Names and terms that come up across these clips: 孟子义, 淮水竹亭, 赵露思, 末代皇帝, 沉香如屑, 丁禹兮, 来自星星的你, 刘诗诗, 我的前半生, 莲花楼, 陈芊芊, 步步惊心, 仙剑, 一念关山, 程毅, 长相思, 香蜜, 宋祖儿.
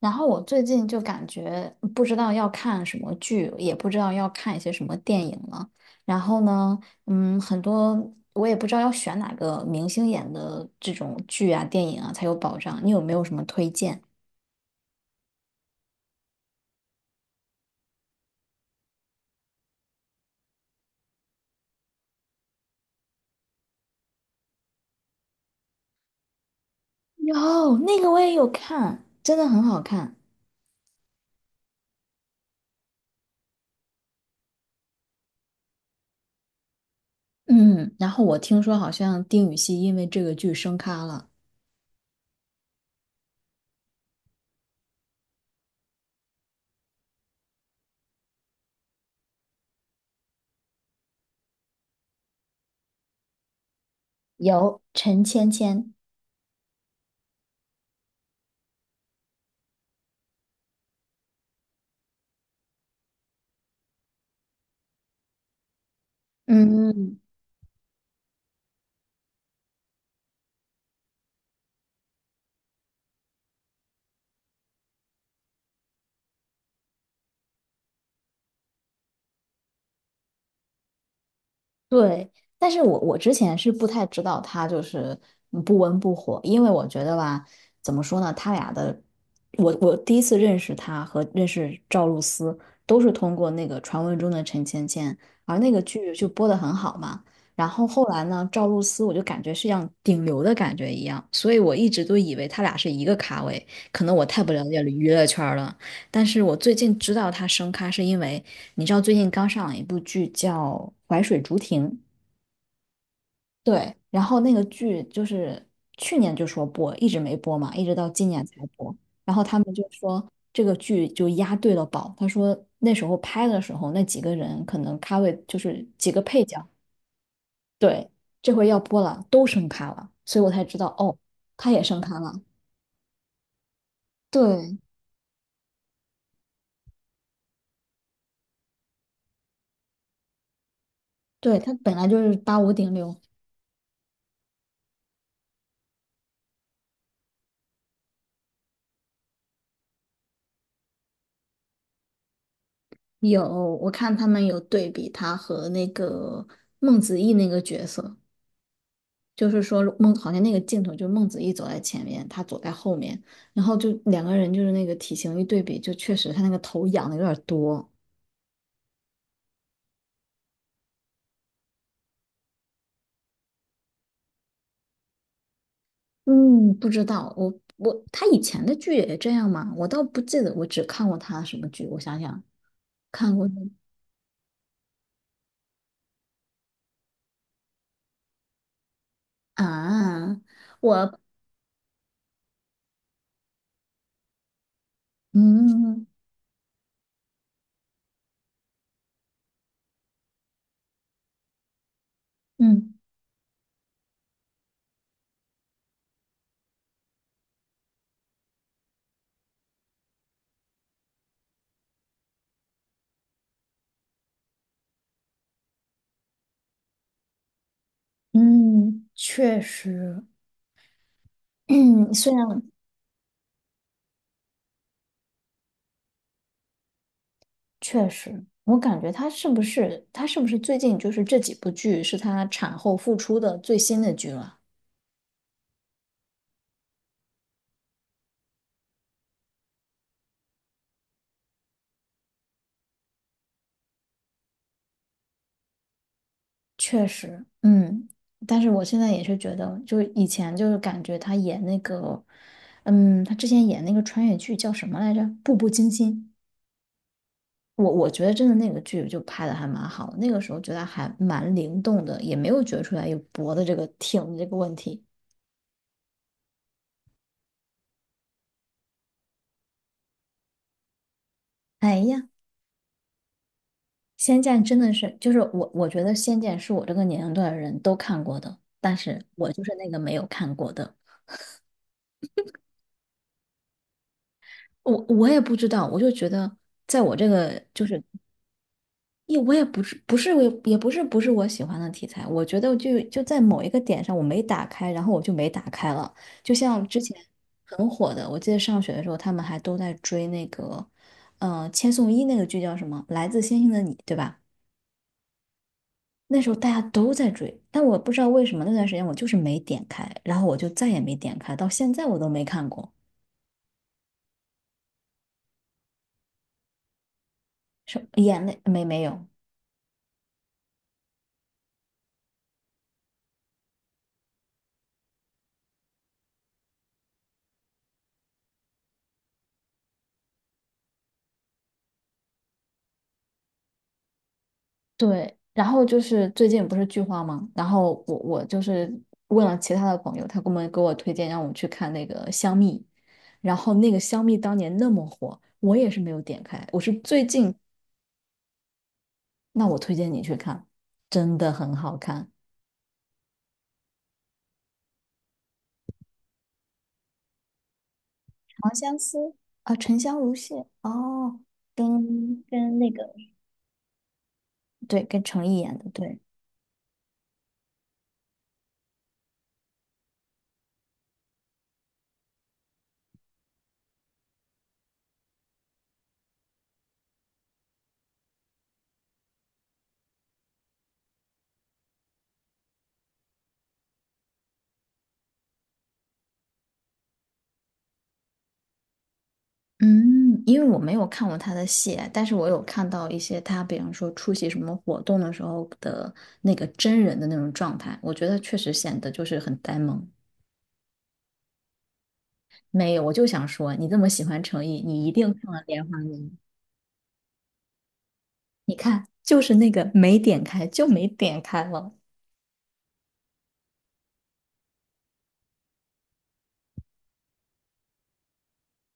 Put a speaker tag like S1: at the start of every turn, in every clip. S1: 然后我最近就感觉不知道要看什么剧，也不知道要看一些什么电影了。然后呢，很多我也不知道要选哪个明星演的这种剧啊、电影啊才有保障。你有没有什么推荐？有，那个我也有看，真的很好看。嗯，然后我听说好像丁禹兮因为这个剧升咖了。有，陈芊芊。嗯，对，但是我之前是不太知道他就是不温不火，因为我觉得吧，怎么说呢，他俩的，我第一次认识他和认识赵露思都是通过那个传闻中的陈芊芊，而那个剧就播得很好嘛。然后后来呢，赵露思我就感觉是像顶流的感觉一样，所以我一直都以为他俩是一个咖位，可能我太不了解娱乐圈了。但是我最近知道他升咖，是因为你知道最近刚上了一部剧叫《淮水竹亭》，对，然后那个剧就是去年就说播，一直没播嘛，一直到今年才播。然后他们就说这个剧就押对了宝，他说那时候拍的时候那几个人可能咖位就是几个配角，对，这回要播了，都升咖了，所以我才知道哦，他也升咖了。对，对，他本来就是八五顶流。有我看他们有对比他和那个孟子义那个角色，就是说孟好像那个镜头，就孟子义走在前面，他走在后面，然后就两个人就是那个体型一对比，就确实他那个头仰的有点多。嗯，不知道，我他以前的剧也这样吗？我倒不记得，我只看过他什么剧，我想想，看过那啊，我嗯嗯嗯，确实，虽然确实，我感觉他是不是最近就是这几部剧是他产后复出的最新的剧了？确实，嗯，但是我现在也是觉得，就是以前就是感觉他演那个，嗯，他之前演那个穿越剧叫什么来着？《步步惊心》。我觉得真的那个剧就拍的还蛮好的那个时候觉得还蛮灵动的，也没有觉出来有脖子这个挺的这个问题。哎呀，《仙剑》真的是，就是我觉得《仙剑》是我这个年龄段的人都看过的，但是我就是那个没有看过的。我也不知道，我就觉得，在我这个就是也我也不是不是我也也不是不是我喜欢的题材，我觉得就在某一个点上我没打开，然后我就没打开了。就像之前很火的，我记得上学的时候他们还都在追那个，千颂伊那个剧叫什么《来自星星的你》，对吧？那时候大家都在追，但我不知道为什么那段时间我就是没点开，然后我就再也没点开，到现在我都没看过。是眼泪没有，对，然后就是最近不是剧荒嘛，然后我就是问了其他的朋友，他给我推荐让我去看那个香蜜，然后那个香蜜当年那么火，我也是没有点开，我是最近，那我推荐你去看，真的很好看长相思啊，沉香如屑哦，跟那个对，跟程毅演的，对，嗯，因为我没有看过他的戏，但是我有看到一些他，比方说出席什么活动的时候的那个真人的那种状态，我觉得确实显得就是很呆萌。没有，我就想说，你这么喜欢成毅，你一定看了《莲花楼》。你看，就是那个没点开，就没点开了，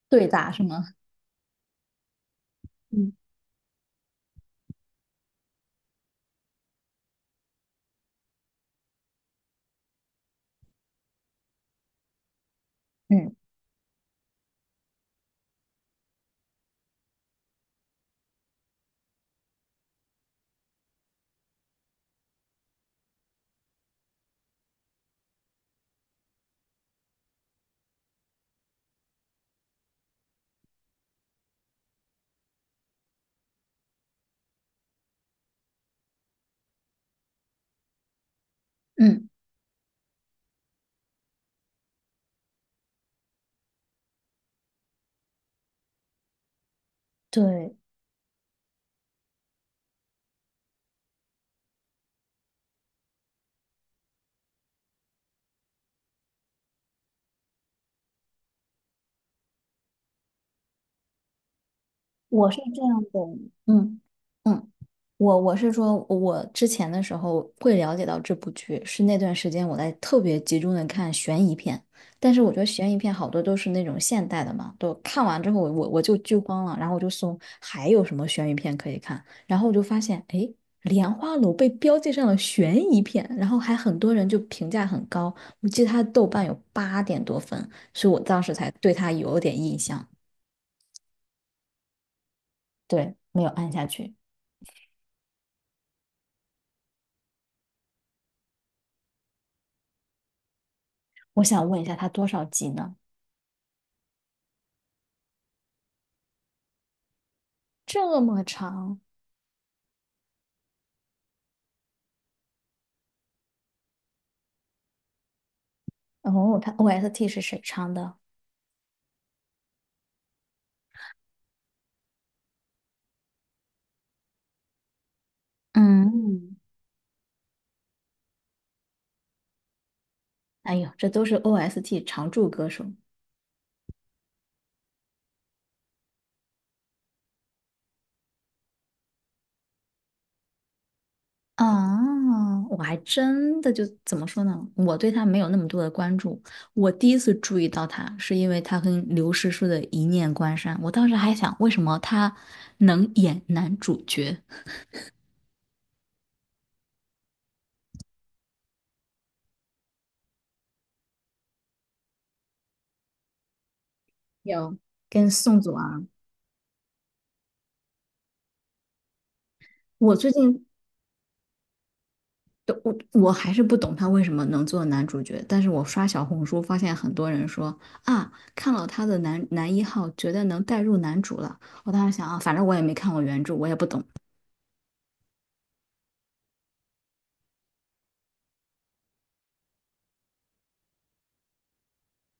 S1: 对打是吗？嗯嗯嗯，对。我是这样的，嗯嗯，我是说，我之前的时候会了解到这部剧，是那段时间我在特别集中的看悬疑片，但是我觉得悬疑片好多都是那种现代的嘛，都看完之后我就剧荒了，然后我就搜还有什么悬疑片可以看，然后我就发现，诶，《莲花楼》被标记上了悬疑片，然后还很多人就评价很高，我记得他豆瓣有八点多分，所以我当时才对他有点印象，对，没有按下去。我想问一下，他多少集呢？这么长？哦，他 OST 是谁唱的？嗯，哎呦，这都是 OST 常驻歌手啊，我还真的就怎么说呢？我对他没有那么多的关注。我第一次注意到他，是因为他跟刘诗诗的《一念关山》，我当时还想，为什么他能演男主角？有跟宋祖儿，我最近对我还是不懂他为什么能做男主角，但是我刷小红书发现很多人说啊，看了他的男一号，觉得能带入男主了。我当时想啊，反正我也没看过原著，我也不懂。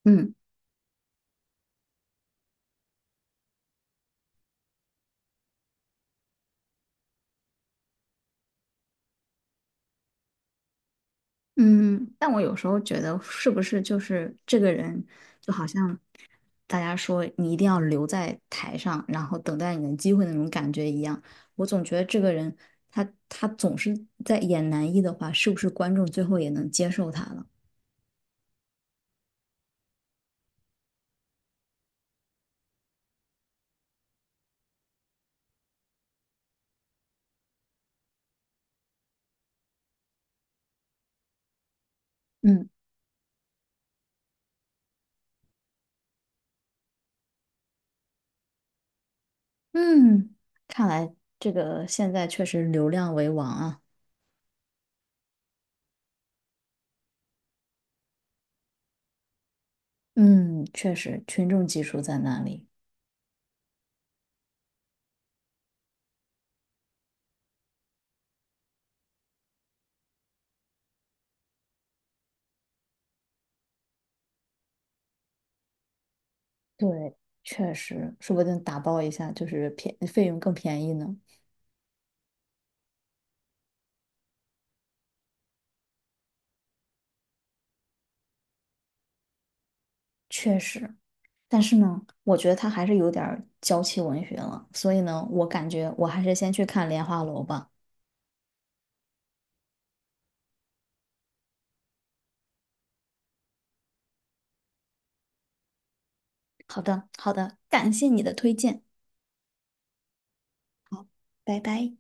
S1: 嗯嗯，但我有时候觉得是不是就是这个人，就好像大家说你一定要留在台上，然后等待你的机会那种感觉一样。我总觉得这个人他总是在演男一的话，是不是观众最后也能接受他了？嗯。嗯，看来这个现在确实流量为王啊。嗯，确实群众基础在那里。对，确实，说不定打包一下就是便费用更便宜呢。确实，但是呢，我觉得他还是有点儿娇妻文学了，所以呢，我感觉我还是先去看《莲花楼》吧。好的，好的，感谢你的推荐，拜拜。